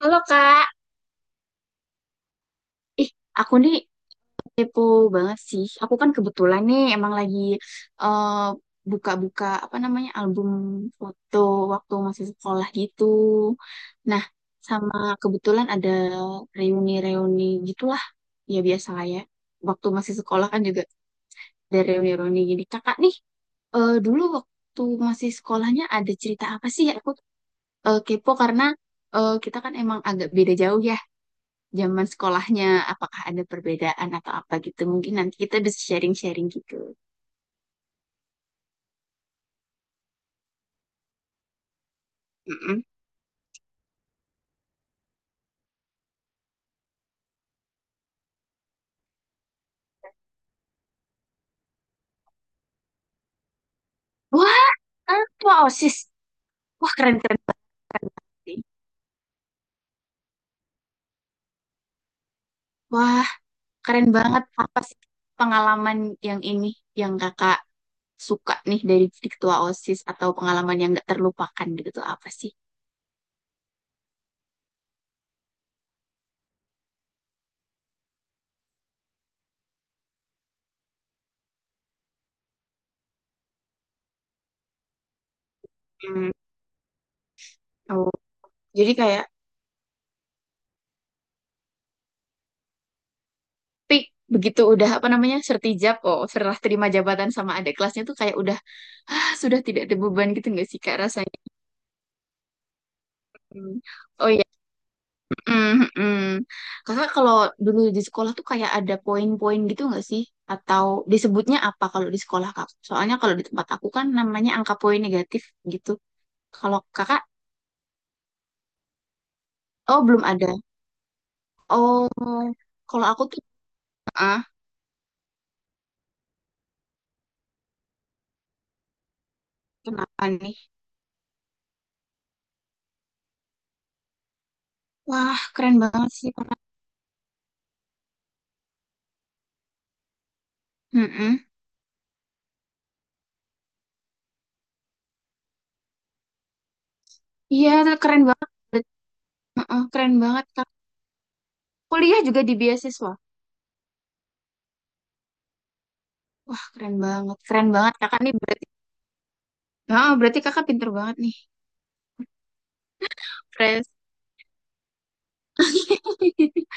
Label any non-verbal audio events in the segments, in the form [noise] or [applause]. Halo Kak, ih aku nih kepo banget sih. Aku kan kebetulan nih emang lagi eh, buka-buka apa namanya album foto waktu masih sekolah gitu. Nah, sama kebetulan ada reuni-reuni gitulah ya biasa lah ya. Waktu masih sekolah kan juga ada reuni-reuni gini. Kakak nih dulu waktu masih sekolahnya ada cerita apa sih? Ya aku kepo karena kita kan emang agak beda jauh ya. Zaman sekolahnya apakah ada perbedaan atau apa gitu, mungkin nanti kita bisa sharing-sharing gitu. Mm-mm. Wah, apa OSIS? Wah, keren keren sih. Wah, keren banget, apa sih pengalaman yang ini yang kakak suka nih dari jadi ketua OSIS atau pengalaman yang nggak terlupakan gitu tuh apa sih? Hmm, oh jadi kayak tapi begitu udah apa namanya sertijab, oh setelah terima jabatan sama ada kelasnya tuh kayak udah, "Ah, sudah tidak ada beban gitu nggak sih kak rasanya?" Hmm. Oh iya. Mm-mm. Kakak kalau dulu di sekolah tuh kayak ada poin-poin gitu nggak sih? Atau disebutnya apa kalau di sekolah kak? Soalnya kalau di tempat aku kan namanya angka poin negatif gitu. Kalau kakak, oh belum ada. Oh, kalau aku tuh, ah, kenapa nih? Wah, keren banget sih kak. Mm-mm. Iya, keren banget. Mm, keren banget kak. Kuliah juga di beasiswa. Wah, keren banget. Keren banget kakak nih berarti. Ah, berarti kakak pinter banget nih. Keren. [laughs]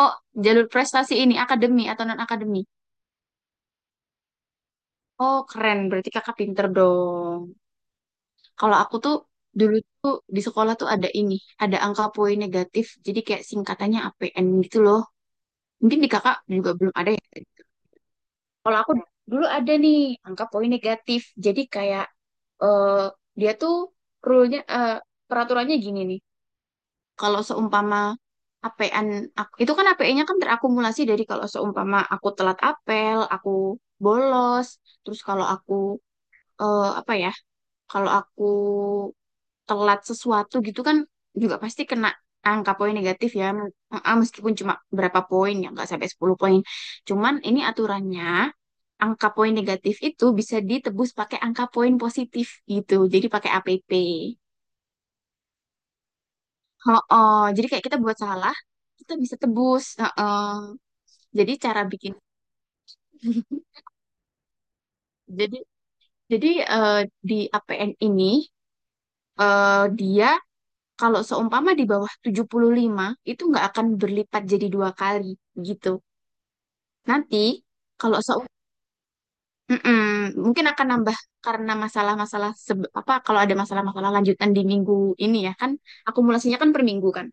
Oh, jalur prestasi ini akademi atau non akademi? Oh, keren. Berarti kakak pinter dong. Kalau aku tuh dulu tuh di sekolah tuh ada ini, ada angka poin negatif. Jadi kayak singkatannya APN gitu loh. Mungkin di kakak juga belum ada ya. Kalau aku dulu ada nih angka poin negatif. Jadi kayak eh, dia tuh rule-nya peraturannya gini nih. Kalau seumpama APN aku- itu kan APE-nya kan terakumulasi dari, kalau seumpama aku telat apel, aku bolos, terus kalau aku apa ya, kalau aku telat sesuatu gitu kan juga pasti kena angka poin negatif ya, men- meskipun cuma berapa poin ya nggak sampai 10 poin. Cuman ini aturannya angka poin negatif itu bisa ditebus pakai angka poin positif gitu. Jadi pakai APP. Oh, jadi kayak kita buat salah, kita bisa tebus. Heeh. Jadi cara bikin, [laughs] jadi jadi eh, di APN ini dia kalau seumpama di bawah 75 itu nggak akan berlipat jadi dua kali gitu. Nanti kalau se- Mm-mm. Mungkin akan nambah karena masalah-masalah sebe- apa, kalau ada masalah-masalah lanjutan di minggu ini ya kan, akumulasinya kan per minggu kan.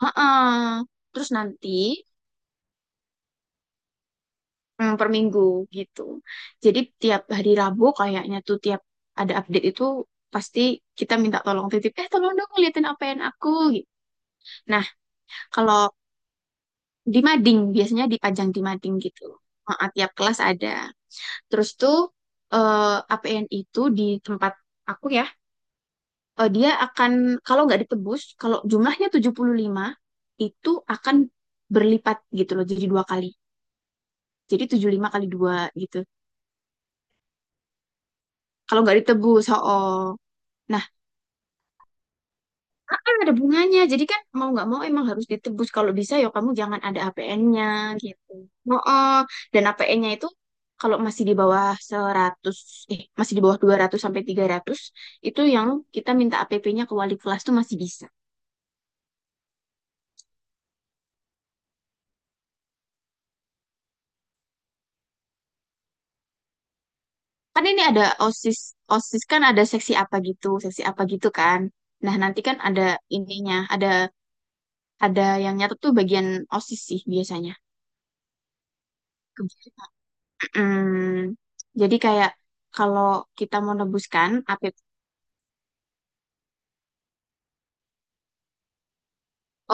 Heeh. Terus nanti, hmm, per minggu gitu. Jadi tiap hari Rabu kayaknya tuh tiap ada update itu pasti kita minta tolong titip, eh tolong dong ngeliatin apa yang aku gitu. Nah, kalau di mading, biasanya dipajang di mading gitu. Heeh, tiap kelas ada. Terus tuh eh, APN itu di tempat aku ya, dia akan kalau nggak ditebus, kalau jumlahnya 75 itu akan berlipat gitu loh jadi dua kali. Jadi tujuh puluh lima kali dua gitu. Kalau nggak ditebus, oh. Oh. Ah, ada bunganya, jadi kan mau nggak mau emang harus ditebus. Kalau bisa ya kamu jangan ada APN-nya gitu. Oh, dan APN-nya itu kalau masih di bawah seratus, eh masih di bawah 200 sampai 300 itu yang kita minta APP-nya ke wali kelas tuh masih bisa. Kan ini ada OSIS, OSIS kan ada seksi apa gitu kan. Nah, nanti kan ada ininya, ada yang nyatet tuh bagian OSIS sih biasanya. Kebiasaan. Mm, jadi kayak kalau kita mau nebuskan.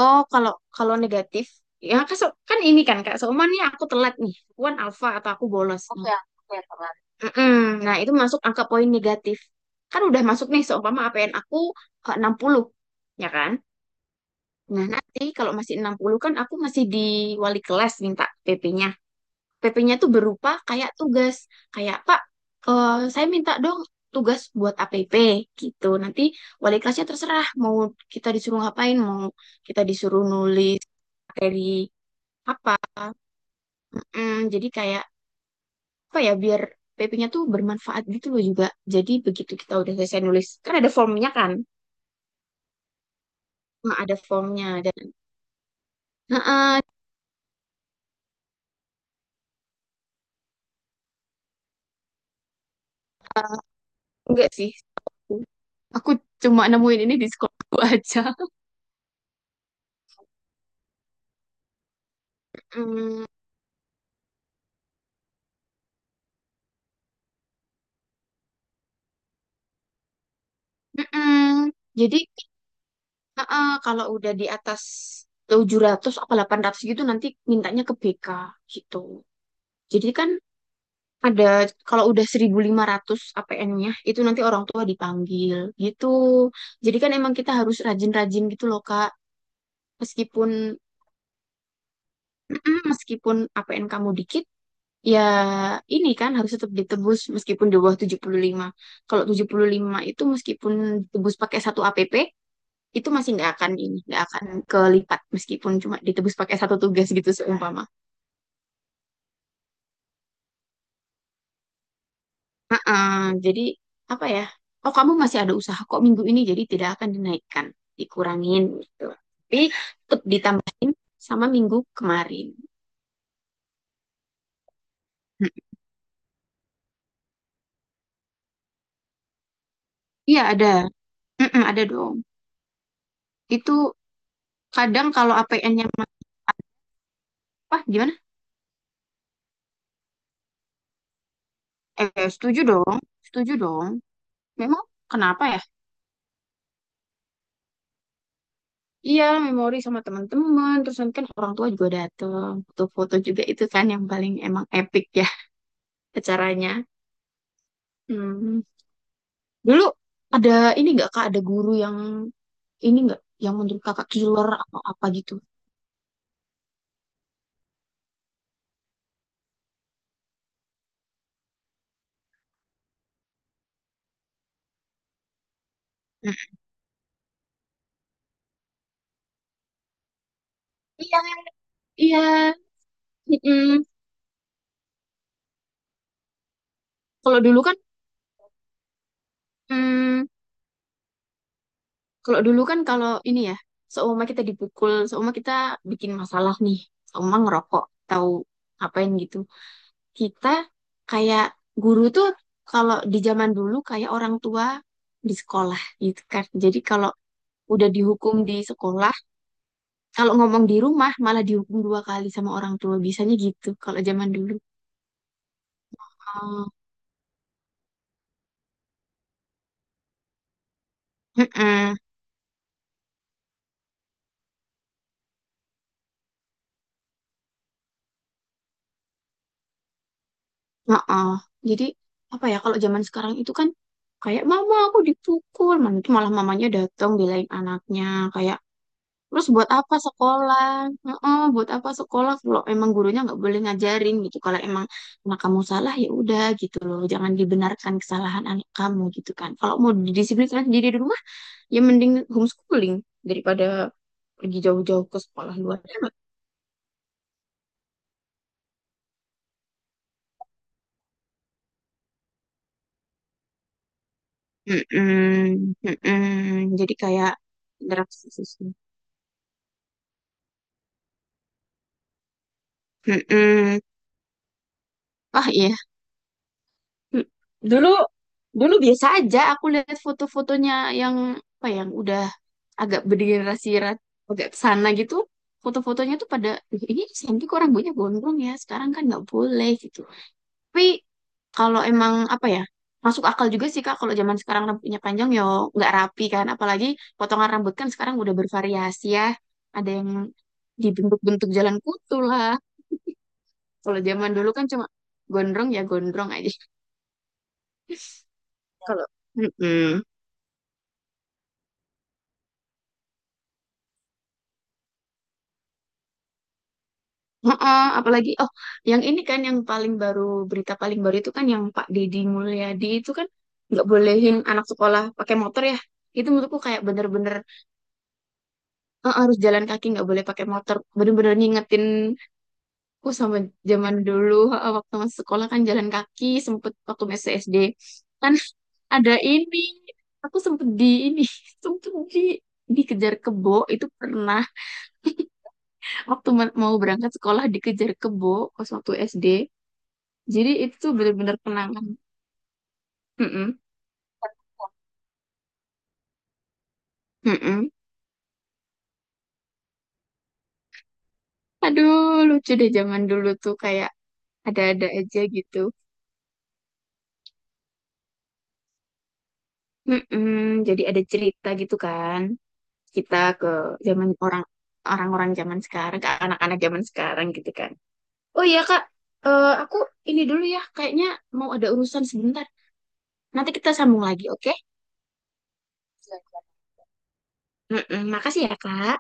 Oh, kalau kalau negatif, ya kan, so- kan ini kan Kak, seumpamanya aku telat nih, aku kan alfa atau aku bolos nih. Oke. Mm-mm. Nah, itu masuk angka poin negatif. Kan udah masuk nih, seumpama APN aku 60 ya kan? Nah, nanti kalau masih 60 kan aku masih di wali kelas minta PP-nya. PP-nya tuh berupa kayak tugas, kayak Pak, saya minta dong tugas buat APP gitu. Nanti wali kelasnya terserah mau kita disuruh ngapain, mau kita disuruh nulis materi apa, mm, jadi kayak apa ya biar PP-nya tuh bermanfaat gitu loh juga. Jadi begitu kita udah selesai nulis kan ada formnya kan, nah, ada formnya dan heeh, enggak sih, aku cuma nemuin ini di sekolahku [laughs] aja. Mm, mm-mm. Jadi heeh, kalau udah di atas 700 atau 800 gitu nanti mintanya ke BK gitu. Jadi kan ada kalau udah 1.500 APN-nya itu nanti orang tua dipanggil gitu. Jadi kan emang kita harus rajin-rajin gitu loh Kak. Meskipun [clears throat] meskipun APN kamu dikit ya, ini kan harus tetap ditebus meskipun di bawah 75. Kalau 75 itu meskipun ditebus pakai satu APP itu masih nggak akan ini, nggak akan kelipat meskipun cuma ditebus pakai satu tugas gitu seumpama. Eh, jadi apa ya? Oh, kamu masih ada usaha kok minggu ini, jadi tidak akan dinaikkan, dikurangin gitu. Tapi tetap ditambahin sama minggu kemarin. Mm. Iya ada, mm-mm, ada dong. Itu kadang kalau APN-nya apa gimana? Eh, setuju dong, setuju dong. Memang kenapa ya? Iya, memori sama teman-teman. Terus nanti kan orang tua juga datang, foto-foto juga, itu kan yang paling emang epic ya acaranya. Hmm. Dulu ada ini nggak kak, ada guru yang ini nggak yang menurut kakak killer atau apa gitu? Mm. Iya, iya. Mm-mm. Kalau dulu kan, mm, kalau dulu kan kalau ini ya, seumpama kita dipukul, seumpama kita bikin masalah nih, seumpama ngerokok, tahu ngapain gitu. Kita kayak guru tuh kalau di zaman dulu kayak orang tua di sekolah gitu kan. Jadi kalau udah dihukum di sekolah, kalau ngomong di rumah malah dihukum dua kali sama orang tua. Biasanya gitu kalau zaman dulu. Oh, mm-mm. Heeh. Jadi apa ya, kalau zaman sekarang itu kan kayak mama aku dipukul, mana itu malah mamanya datang belain anaknya kayak terus buat apa sekolah? Heeh, buat apa sekolah kalau emang gurunya nggak boleh ngajarin gitu. Kalau emang anak kamu salah ya udah gitu loh, jangan dibenarkan kesalahan anak kamu gitu kan. Kalau mau didisiplinkan sendiri di rumah ya mending homeschooling daripada pergi jauh-jauh ke sekolah luar. Mm-mm, mm-mm. Jadi kayak interaksi sosial. Oh iya. Hmm. lu lu biasa aja. Aku lihat foto-fotonya yang apa ya, yang udah agak bergenerasi ra- agak sana gitu. Foto-fotonya tuh pada, "Ih, ini Santi kok rambutnya gondrong ya. Sekarang kan nggak boleh gitu." Tapi kalau emang apa ya, masuk akal juga sih Kak kalau zaman sekarang rambutnya panjang ya nggak rapi kan. Apalagi potongan rambut kan sekarang udah bervariasi ya. Ada yang dibentuk-bentuk jalan kutu lah. [laughs] Kalau zaman dulu kan cuma gondrong ya gondrong aja. [laughs] Kalau mm-mm. Heeh, apalagi oh yang ini kan yang paling baru, berita paling baru itu kan yang Pak Deddy Mulyadi itu kan nggak bolehin anak sekolah pakai motor ya. Itu menurutku kayak bener-bener harus jalan kaki, nggak boleh pakai motor. Bener-bener ngingetin aku sama zaman dulu heeh, waktu masih sekolah kan jalan kaki sempet waktu masih SD kan ada ini aku sempet di ini [laughs] sempet di dikejar kebo itu pernah waktu ma- mau berangkat sekolah dikejar kebo pas waktu SD. Jadi itu tuh bener-bener kenangan. Mm-mm, mm-mm. Aduh, lucu deh zaman dulu tuh kayak ada-ada aja gitu. Mm-mm, jadi ada cerita gitu kan. Kita ke zaman orang orang-orang zaman sekarang, ke anak-anak zaman sekarang gitu kan. Oh iya Kak, eh, aku ini dulu ya, kayaknya mau ada urusan sebentar. Nanti kita sambung lagi, oke? Silakan. Mm-mm, makasih ya Kak.